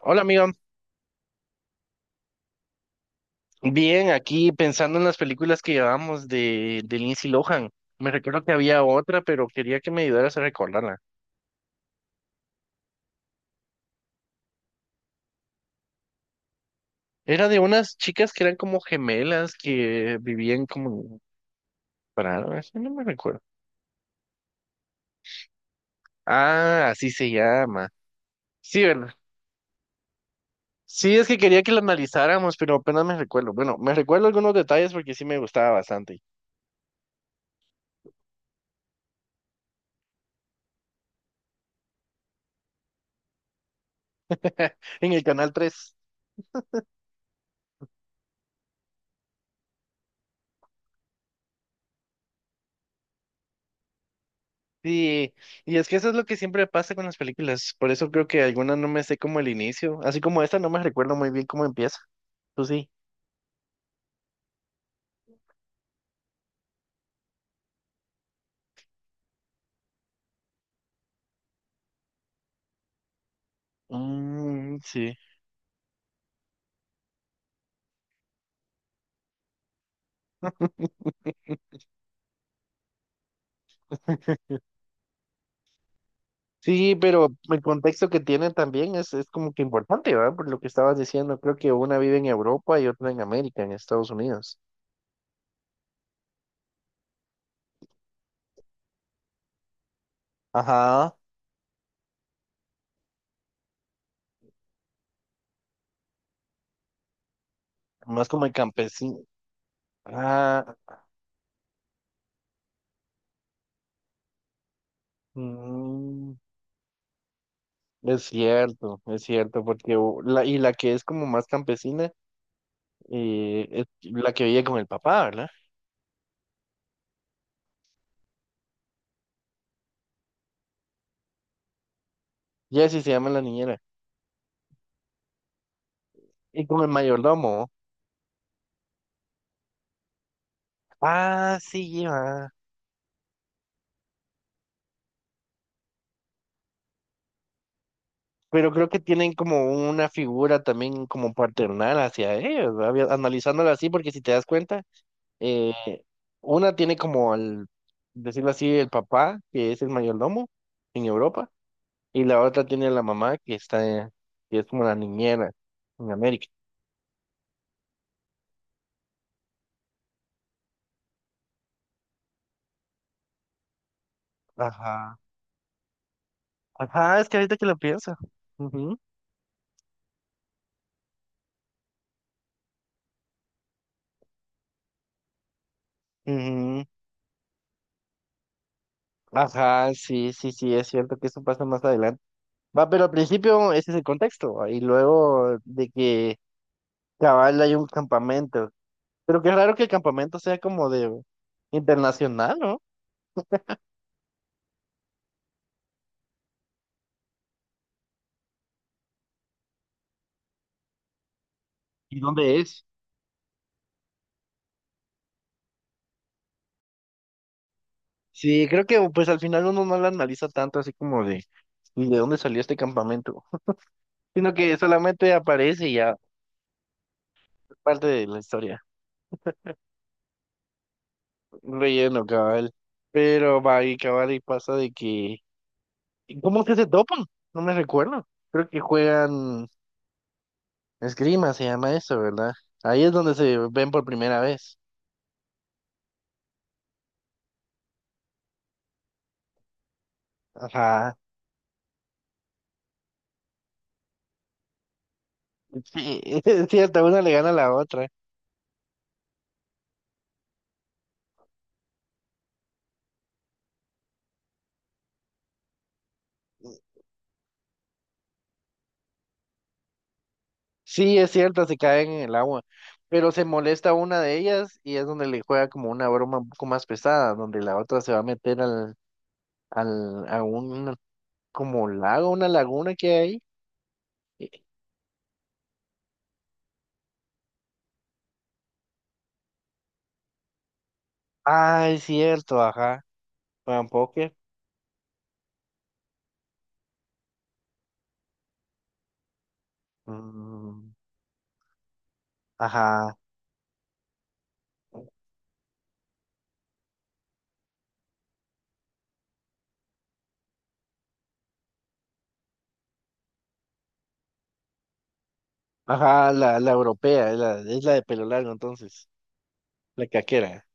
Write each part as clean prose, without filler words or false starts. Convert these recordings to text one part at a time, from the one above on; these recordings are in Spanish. Hola, amigo. Bien, aquí pensando en las películas que llevamos de Lindsay Lohan. Me recuerdo que había otra, pero quería que me ayudaras a recordarla. Era de unas chicas que eran como gemelas que vivían como. Para, eso no me recuerdo. Ah, así se llama. Sí, ¿verdad? Sí, es que quería que la analizáramos, pero apenas me recuerdo. Bueno, me recuerdo algunos detalles porque sí me gustaba bastante. En el canal 3. Sí, y es que eso es lo que siempre pasa con las películas. Por eso creo que algunas no me sé como el inicio. Así como esta, no me recuerdo muy bien cómo empieza. Tú sí. Mm, sí. Sí, pero el contexto que tienen también es como que importante, ¿verdad? Por lo que estabas diciendo, creo que una vive en Europa y otra en América, en Estados Unidos. Ajá, más como el campesino. Ah, mm, es cierto, porque y la que es como más campesina es la que vive con el papá, ¿verdad? Jessie se llama la niñera. Y con el mayordomo. Ah, sí, lleva. Pero creo que tienen como una figura también como paternal hacia ellos, ¿verdad? Analizándola así, porque si te das cuenta, eh, una tiene como al, decirlo así, el papá, que es el mayordomo en Europa, y la otra tiene la mamá, que está, que es como la niñera en América. Ajá. Ajá, es que ahorita que lo pienso. Ujú. Ujú. Ajá, sí, sí, sí, es cierto que eso pasa más adelante. Va, pero al principio ese es el contexto, y luego de que cabal hay un campamento. Pero qué raro que el campamento sea como de internacional, ¿no? ¿Y dónde es? Sí, creo que pues al final uno no lo analiza tanto así como de, ¿y de dónde salió este campamento? Sino que solamente aparece y ya es parte de la historia. Un relleno, cabal. Pero va y cabal y pasa de que. ¿Cómo es que se topan? No me recuerdo. Creo que juegan. Esgrima se llama eso, ¿verdad? Ahí es donde se ven por primera vez. Ajá. Sí, es cierto, una le gana a la otra. Sí, es cierto, se caen en el agua. Pero se molesta una de ellas y es donde le juega como una broma un poco más pesada, donde la otra se va a meter a un como lago, una laguna que hay. Y- Ah, es cierto, ajá. Juegan póker. Mm, ajá. Ajá, la europea, es la de pelo largo entonces, la caquera.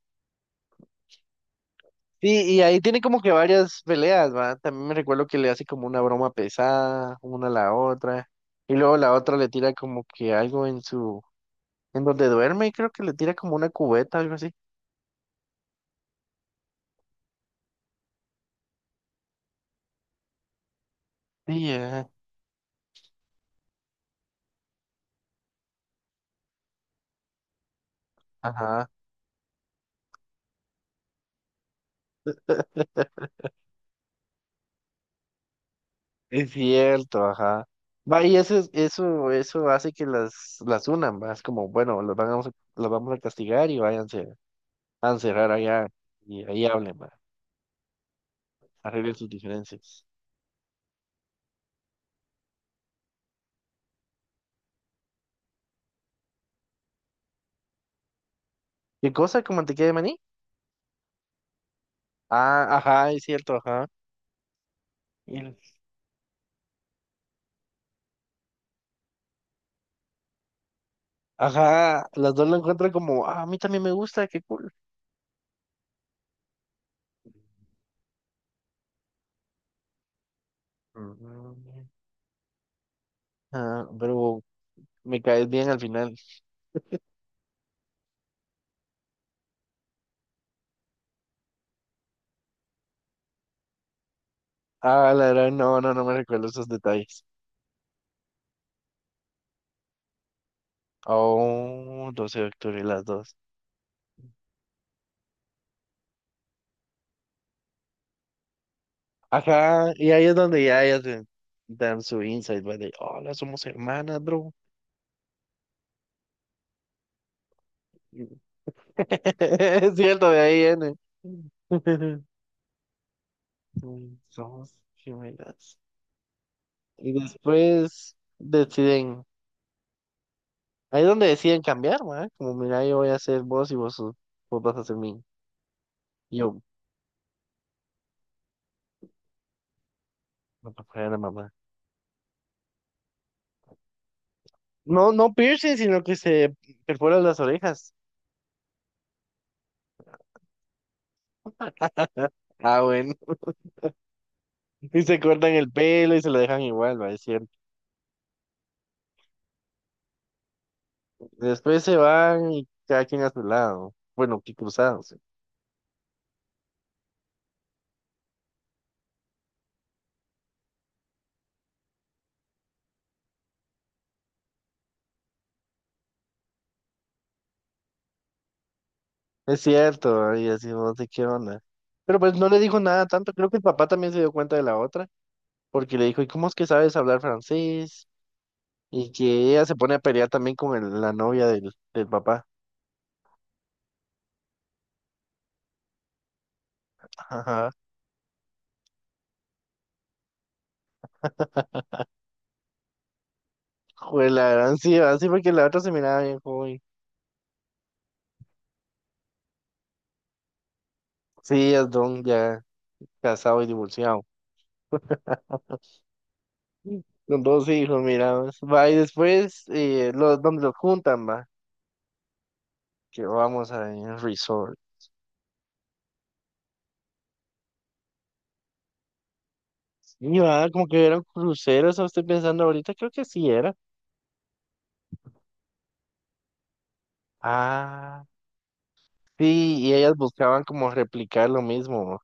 Sí, y ahí tiene como que varias peleas, ¿va? También me recuerdo que le hace como una broma pesada, una a la otra, y luego la otra le tira como que algo en su, en donde duerme, creo que le tira como una cubeta, algo así. Sí, ajá, ajá, es cierto, ajá. Va, y eso, eso hace que las unan, ¿va? Es como, bueno, los vamos a castigar y váyanse a encerrar allá, y ahí hablen, ¿va? Arreglen sus diferencias. ¿Qué cosa? ¿Como mantequilla de maní? Ah, ajá, es cierto, ajá. Ajá, las dos lo encuentran como, ah, a mí también me gusta, qué cool. Mm. Ah, pero me caes bien al final. Ah, la verdad, no, no, no me recuerdo esos detalles. Oh, 12 de octubre, las dos. Ajá, y ahí es donde ya ellas se dan su insight, güey, de, hola, somos hermanas, bro. Es cierto, de ahí viene. Somos gemelas. Y después deciden. Ahí es donde deciden cambiar, ma, como, mira, yo voy a ser vos y vos, vos vas a ser mí. Y yo, no te fuera mamá. No, no piercing, sino que se perforan las orejas. Ah, bueno. Y se cortan el pelo y se lo dejan igual, va, es cierto. Después se van y cada quien a su lado. Bueno, que cruzados. Es cierto, va, y así no sé qué onda. Pero pues no le dijo nada tanto. Creo que el papá también se dio cuenta de la otra, porque le dijo, ¿y cómo es que sabes hablar francés? Y que ella se pone a pelear también con la novia del papá. Joder, la gran sí, ¿verdad? Sí, porque la otra se miraba bien joven. Sí, es don ya casado y divorciado. Con dos hijos, mira, pues. Va, y después, donde los juntan, va. Que vamos a ir a resorts. Y va, como que eran cruceros, ¿o estoy pensando ahorita, creo que sí era. Ah, sí, y ellas buscaban como replicar lo mismo, ¿no?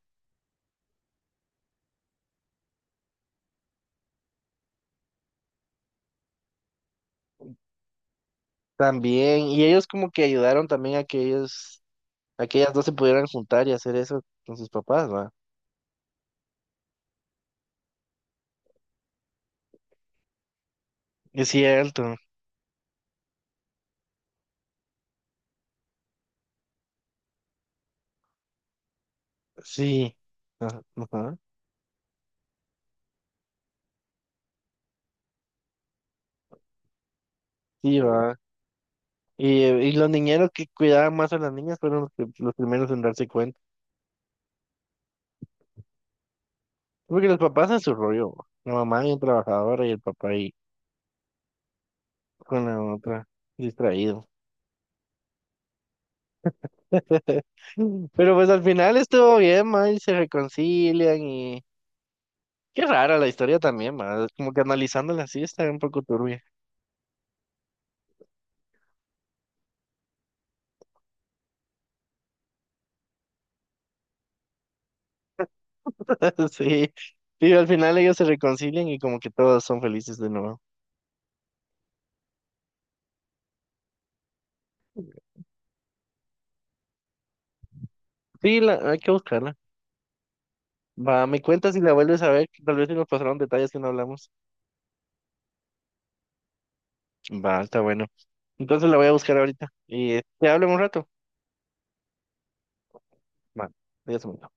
También, y ellos como que ayudaron también a que ellas dos se pudieran juntar y hacer eso con sus papás, va. Es cierto. Sí, ajá, ajá, sí, va. Y los niñeros que cuidaban más a las niñas fueron los primeros en darse cuenta. Porque los papás en su rollo, bo, la mamá bien trabajadora y el papá ahí con la otra distraído. Pero pues al final estuvo bien, ma, y se reconcilian y. Qué rara la historia también, ma, como que analizándola así está un poco turbia. Sí, y al final ellos se reconcilian y como que todos son felices de nuevo. Sí, hay que buscarla. Va, me cuentas y la vuelves a ver, que tal vez se nos pasaron detalles que no hablamos. Va, está bueno. Entonces la voy a buscar ahorita y te hablo en un rato. Va, adiós, amor.